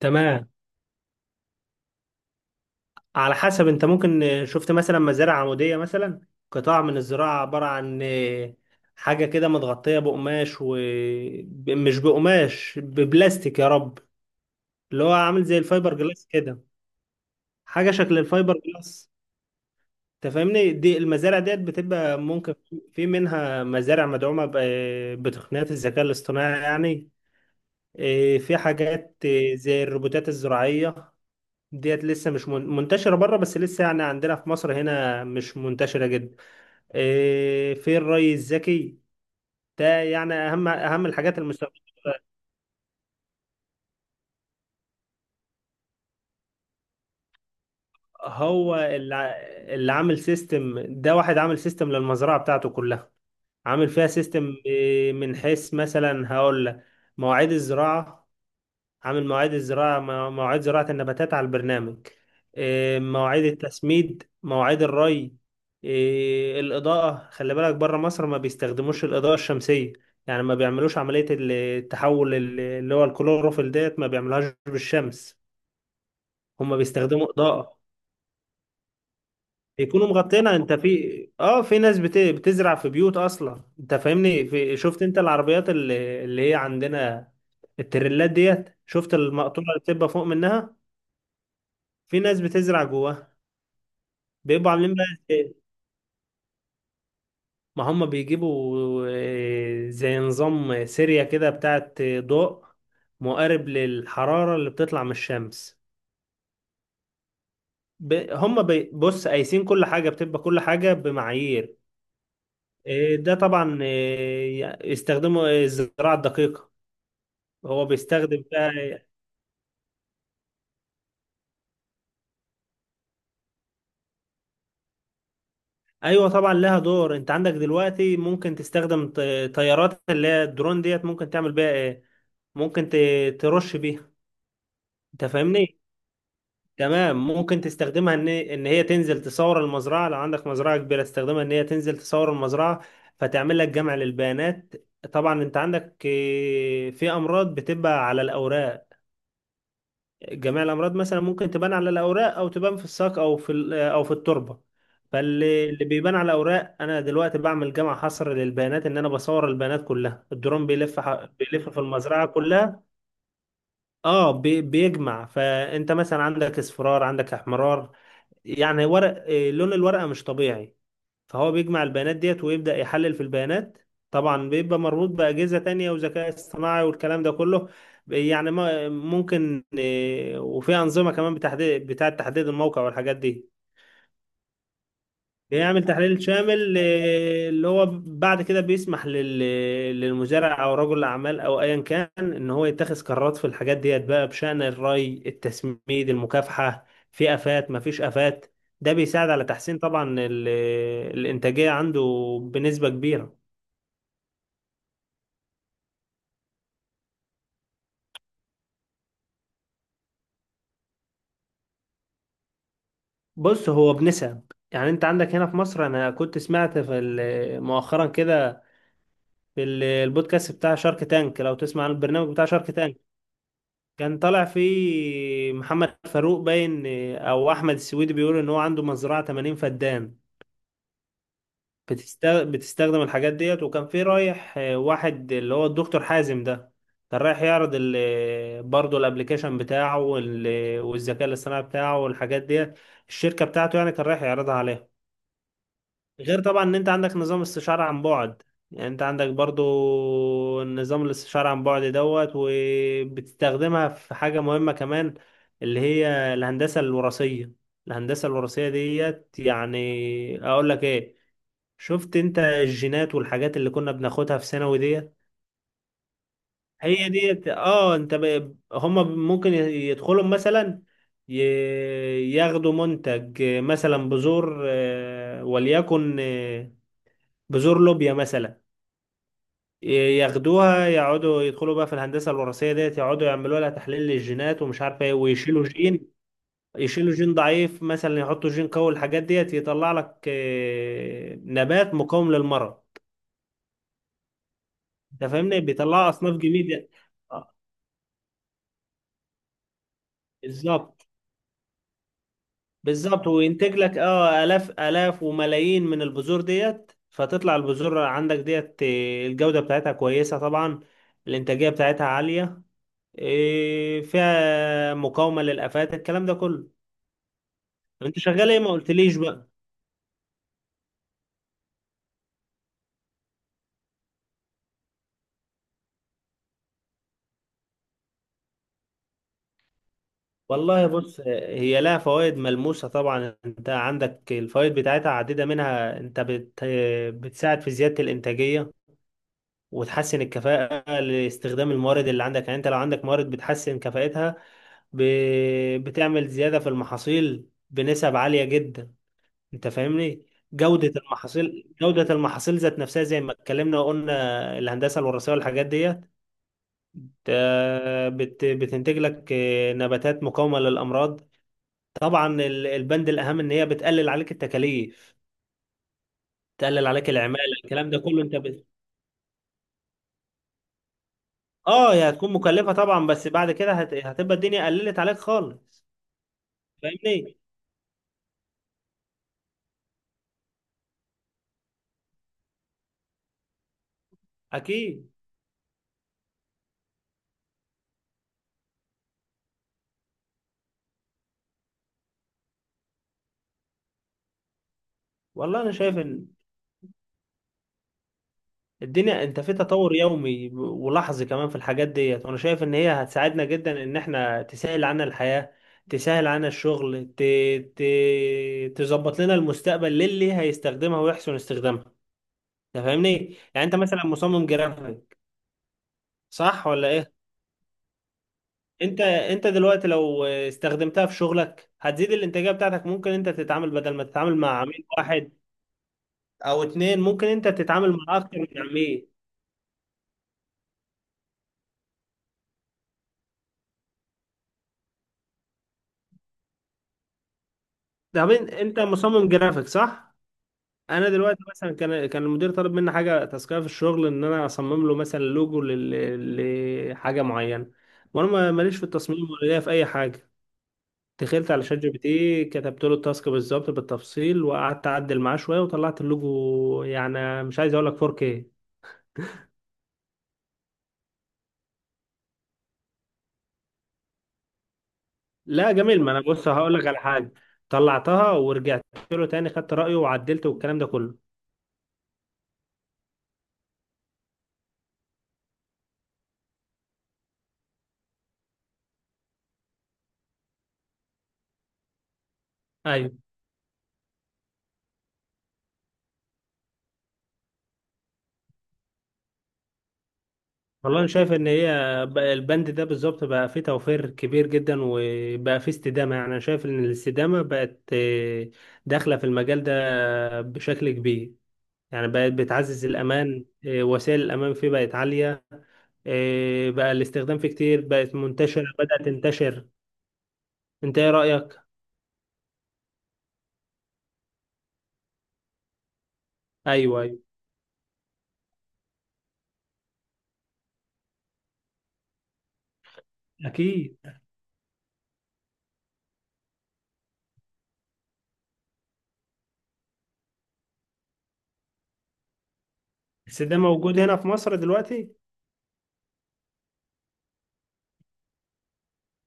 تمام. على حسب، انت ممكن شفت مثلا مزارع عمودية مثلا. قطاع من الزراعة عبارة عن حاجة كده متغطية بقماش، ومش بقماش، ببلاستيك يا رب، اللي هو عامل زي الفايبر جلاس كده، حاجة شكل الفايبر جلاس. انت فاهمني، دي المزارع ديت بتبقى ممكن في منها مزارع مدعومة بتقنيات الذكاء الاصطناعي يعني. في حاجات زي الروبوتات الزراعية ديت لسه مش من- منتشرة بره، بس لسه يعني عندنا في مصر هنا مش منتشرة جدا. في الري الذكي، ده يعني أهم الحاجات المستقبل. هو اللي ع- اللي عامل سيستم ده، واحد عامل سيستم للمزرعة بتاعته كلها، عامل فيها سيستم من حيث مثلا، هقول لك مواعيد الزراعة، عامل مواعيد الزراعة، مواعيد زراعة النباتات على البرنامج، مواعيد التسميد، مواعيد الري، الإضاءة. خلي بالك بره مصر ما بيستخدموش الإضاءة الشمسية، يعني ما بيعملوش عملية التحول اللي هو الكلوروفيل ديت ما بيعملوهاش بالشمس. هم بيستخدموا إضاءة، بيكونوا مغطينها. انت في اه، في ناس بتزرع في بيوت اصلا. انت فاهمني في... شفت انت العربيات اللي هي عندنا، التريلات ديت؟ شفت المقطورة اللي بتبقى فوق منها؟ في ناس بتزرع جواها. بيبقوا عاملين بقى إيه؟ ما هم بيجيبوا زي نظام سيريا كده بتاعت ضوء مقارب للحرارة اللي بتطلع من الشمس. بص، قايسين كل حاجة، بتبقى كل حاجة بمعايير. ده طبعا يستخدموا الزراعة الدقيقة. هو بيستخدم بقى. ايوه طبعا لها دور. انت عندك دلوقتي ممكن تستخدم طيارات اللي هي الدرون ديت، ممكن تعمل بيها ايه، ممكن ترش بيها. انت فاهمني؟ تمام. ممكن تستخدمها ان هي تنزل تصور المزرعه، لو عندك مزرعه كبيره تستخدمها ان هي تنزل تصور المزرعه، فتعمل لك جمع للبيانات. طبعا انت عندك في امراض بتبقى على الاوراق. جميع الامراض مثلا ممكن تبان على الاوراق، او تبان في الساق، او في او في التربه. فاللي بيبان على الاوراق، انا دلوقتي بعمل جمع، حصر للبيانات، ان انا بصور البيانات كلها. الدرون بيلف في المزرعه كلها، اه. بيجمع، فانت مثلا عندك اصفرار، عندك احمرار، يعني ورق لون الورقة مش طبيعي. فهو بيجمع البيانات ديت ويبدأ يحلل في البيانات. طبعا بيبقى مربوط بأجهزة تانية وذكاء اصطناعي والكلام ده كله. يعني ممكن وفي أنظمة كمان بتحديد، بتاعة تحديد الموقع والحاجات دي. بيعمل تحليل شامل اللي هو بعد كده بيسمح للمزارع او رجل الاعمال او ايا كان ان هو يتخذ قرارات في الحاجات ديت بقى بشأن الري، التسميد، المكافحة، في افات ما فيش افات. ده بيساعد على تحسين طبعا الانتاجية عنده بنسبة كبيرة. بص، هو بنسب، يعني انت عندك هنا في مصر، انا كنت سمعت في مؤخرا كده، في البودكاست بتاع شارك تانك، لو تسمع عن البرنامج بتاع شارك تانك. كان طالع فيه محمد فاروق باين، او احمد السويدي، بيقول ان هو عنده مزرعه 80 فدان بتستخدم الحاجات ديت. وكان في رايح واحد اللي هو الدكتور حازم ده، كان رايح يعرض ال... برضه الابليكيشن بتاعه، وال... والذكاء الاصطناعي بتاعه والحاجات ديت، الشركه بتاعته يعني، كان رايح يعرضها عليها. غير طبعا ان انت عندك نظام استشارة عن بعد. يعني انت عندك برضو نظام الاستشارة عن بعد دوت، وبتستخدمها في حاجة مهمة كمان، اللي هي الهندسة الوراثية. الهندسة الوراثية ديت، يعني اقول لك ايه، شفت انت الجينات والحاجات اللي كنا بناخدها في ثانوي ديت، هي ديت. اه، انت ب... هما ممكن يدخلوا مثلا، ي... ياخدوا منتج مثلا، بذور وليكن بذور لوبيا مثلا. ياخدوها، يقعدوا يدخلوا بقى في الهندسه الوراثيه ديت، يقعدوا يعملوا لها تحليل للجينات ومش عارفه ايه، ويشيلوا جين، يشيلوا جين ضعيف مثلا، يحطوا جين قوي، الحاجات ديت يطلع لك نبات مقاوم للمرض. انت فاهمني؟ بيطلع اصناف جديده. آه، بالظبط. بالظبط، وينتج لك اه آلاف وملايين من البذور ديت، فتطلع البذور عندك ديت، الجودة بتاعتها كويسة طبعا، الإنتاجية بتاعتها عالية، فيها مقاومة للآفات، الكلام ده كله. انت شغال ايه؟ ما قلتليش بقى. والله بص، هي لها فوائد ملموسة طبعا. انت عندك الفوائد بتاعتها عديدة، منها انت بتساعد في زيادة الإنتاجية، وتحسن الكفاءة لاستخدام الموارد اللي عندك. يعني انت لو عندك موارد بتحسن كفاءتها، ب... بتعمل زيادة في المحاصيل بنسب عالية جدا. انت فاهمني؟ جودة المحاصيل، جودة المحاصيل ذات نفسها زي ما اتكلمنا وقلنا، الهندسة الوراثية والحاجات ديت، بت... بتنتج لك نباتات مقاومة للأمراض. طبعا البند الأهم إن هي بتقلل عليك التكاليف، تقلل عليك العمالة، الكلام ده كله. انت بت... اه، هي هتكون مكلفة طبعا، بس بعد كده هت... هتبقى الدنيا قللت عليك خالص. فاهمني؟ اكيد. والله انا شايف ان الدنيا انت في تطور يومي ولحظي كمان في الحاجات ديت. وانا شايف ان هي هتساعدنا جدا، ان احنا تسهل عنا الحياة، تسهل عنا الشغل، ت... ت... تظبط لنا المستقبل للي هيستخدمها ويحسن استخدامها. انت فاهمني؟ يعني انت مثلا مصمم جرافيك، صح ولا ايه؟ انت دلوقتي لو استخدمتها في شغلك، هتزيد الانتاجية بتاعتك. ممكن انت تتعامل، بدل ما تتعامل مع عميل واحد او اتنين، ممكن انت تتعامل مع اكتر من عميل. ده من- انت مصمم جرافيك، صح؟ انا دلوقتي مثلا، كان المدير طالب مني حاجه تاسكيه في الشغل، ان انا اصمم له مثلا لوجو لحاجه معينه، وانا ماليش في التصميم ولا ليا في اي حاجه. دخلت على شات جي بي تي، كتبت له التاسك بالظبط بالتفصيل، وقعدت اعدل معاه شويه، وطلعت اللوجو يعني مش عايز اقول لك 4K. لا جميل. ما انا بص، هقول لك على حاجه، طلعتها ورجعت له تاني، خدت رايه وعدلته والكلام ده كله. ايوه. والله انا شايف ان هي بقى البند ده بالظبط بقى فيه توفير كبير جدا، وبقى فيه استدامه. يعني انا شايف ان الاستدامه بقت داخله في المجال ده بشكل كبير. يعني بقت بتعزز الامان، وسائل الامان فيه بقت عاليه، بقى الاستخدام فيه كتير، بقت منتشره، بدات تنتشر. انت ايه رايك؟ ايوه، ايوه، اكيد. بس ده موجود هنا في مصر دلوقتي؟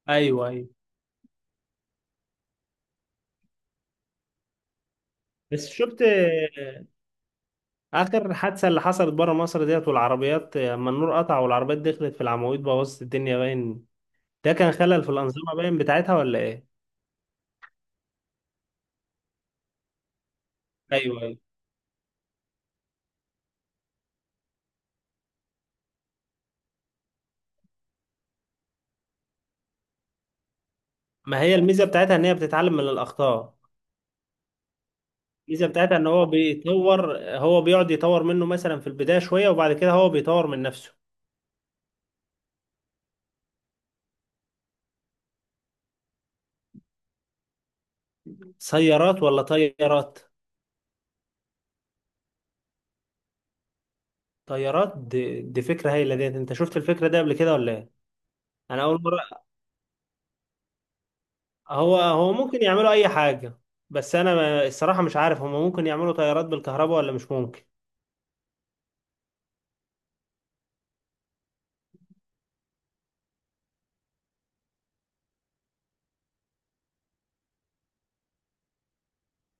ايوه، ايوه. بس شفت اخر حادثه اللي حصلت بره مصر ديت، والعربيات اما النور قطع والعربيات دخلت في العواميد، بوظت الدنيا باين. ده كان خلل في الانظمه باين بتاعتها ولا ايه؟ ايوه، ايوه. ما هي الميزه بتاعتها ان هي بتتعلم من الاخطاء. الميزه بتاعتها ان هو بيطور، هو بيقعد يطور منه مثلا في البدايه شويه، وبعد كده هو بيطور من نفسه. سيارات ولا طيارات؟ طيارات دي, فكره هايله ديت. انت شفت الفكره دي قبل كده ولا ايه؟ انا اول مره. هو ممكن يعملوا اي حاجه، بس انا الصراحه مش عارف هم ممكن يعملوا طيارات بالكهرباء ولا مش ممكن.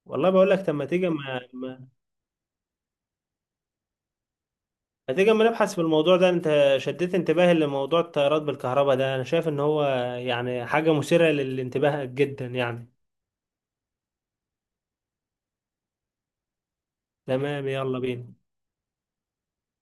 والله بقول لك، طب ما تيجي، ما تيجي ما نبحث في الموضوع ده. انت شديت انتباهي لموضوع الطيارات بالكهرباء ده، انا شايف ان هو يعني حاجه مثيره للانتباه جدا يعني. تمام، يلا بينا.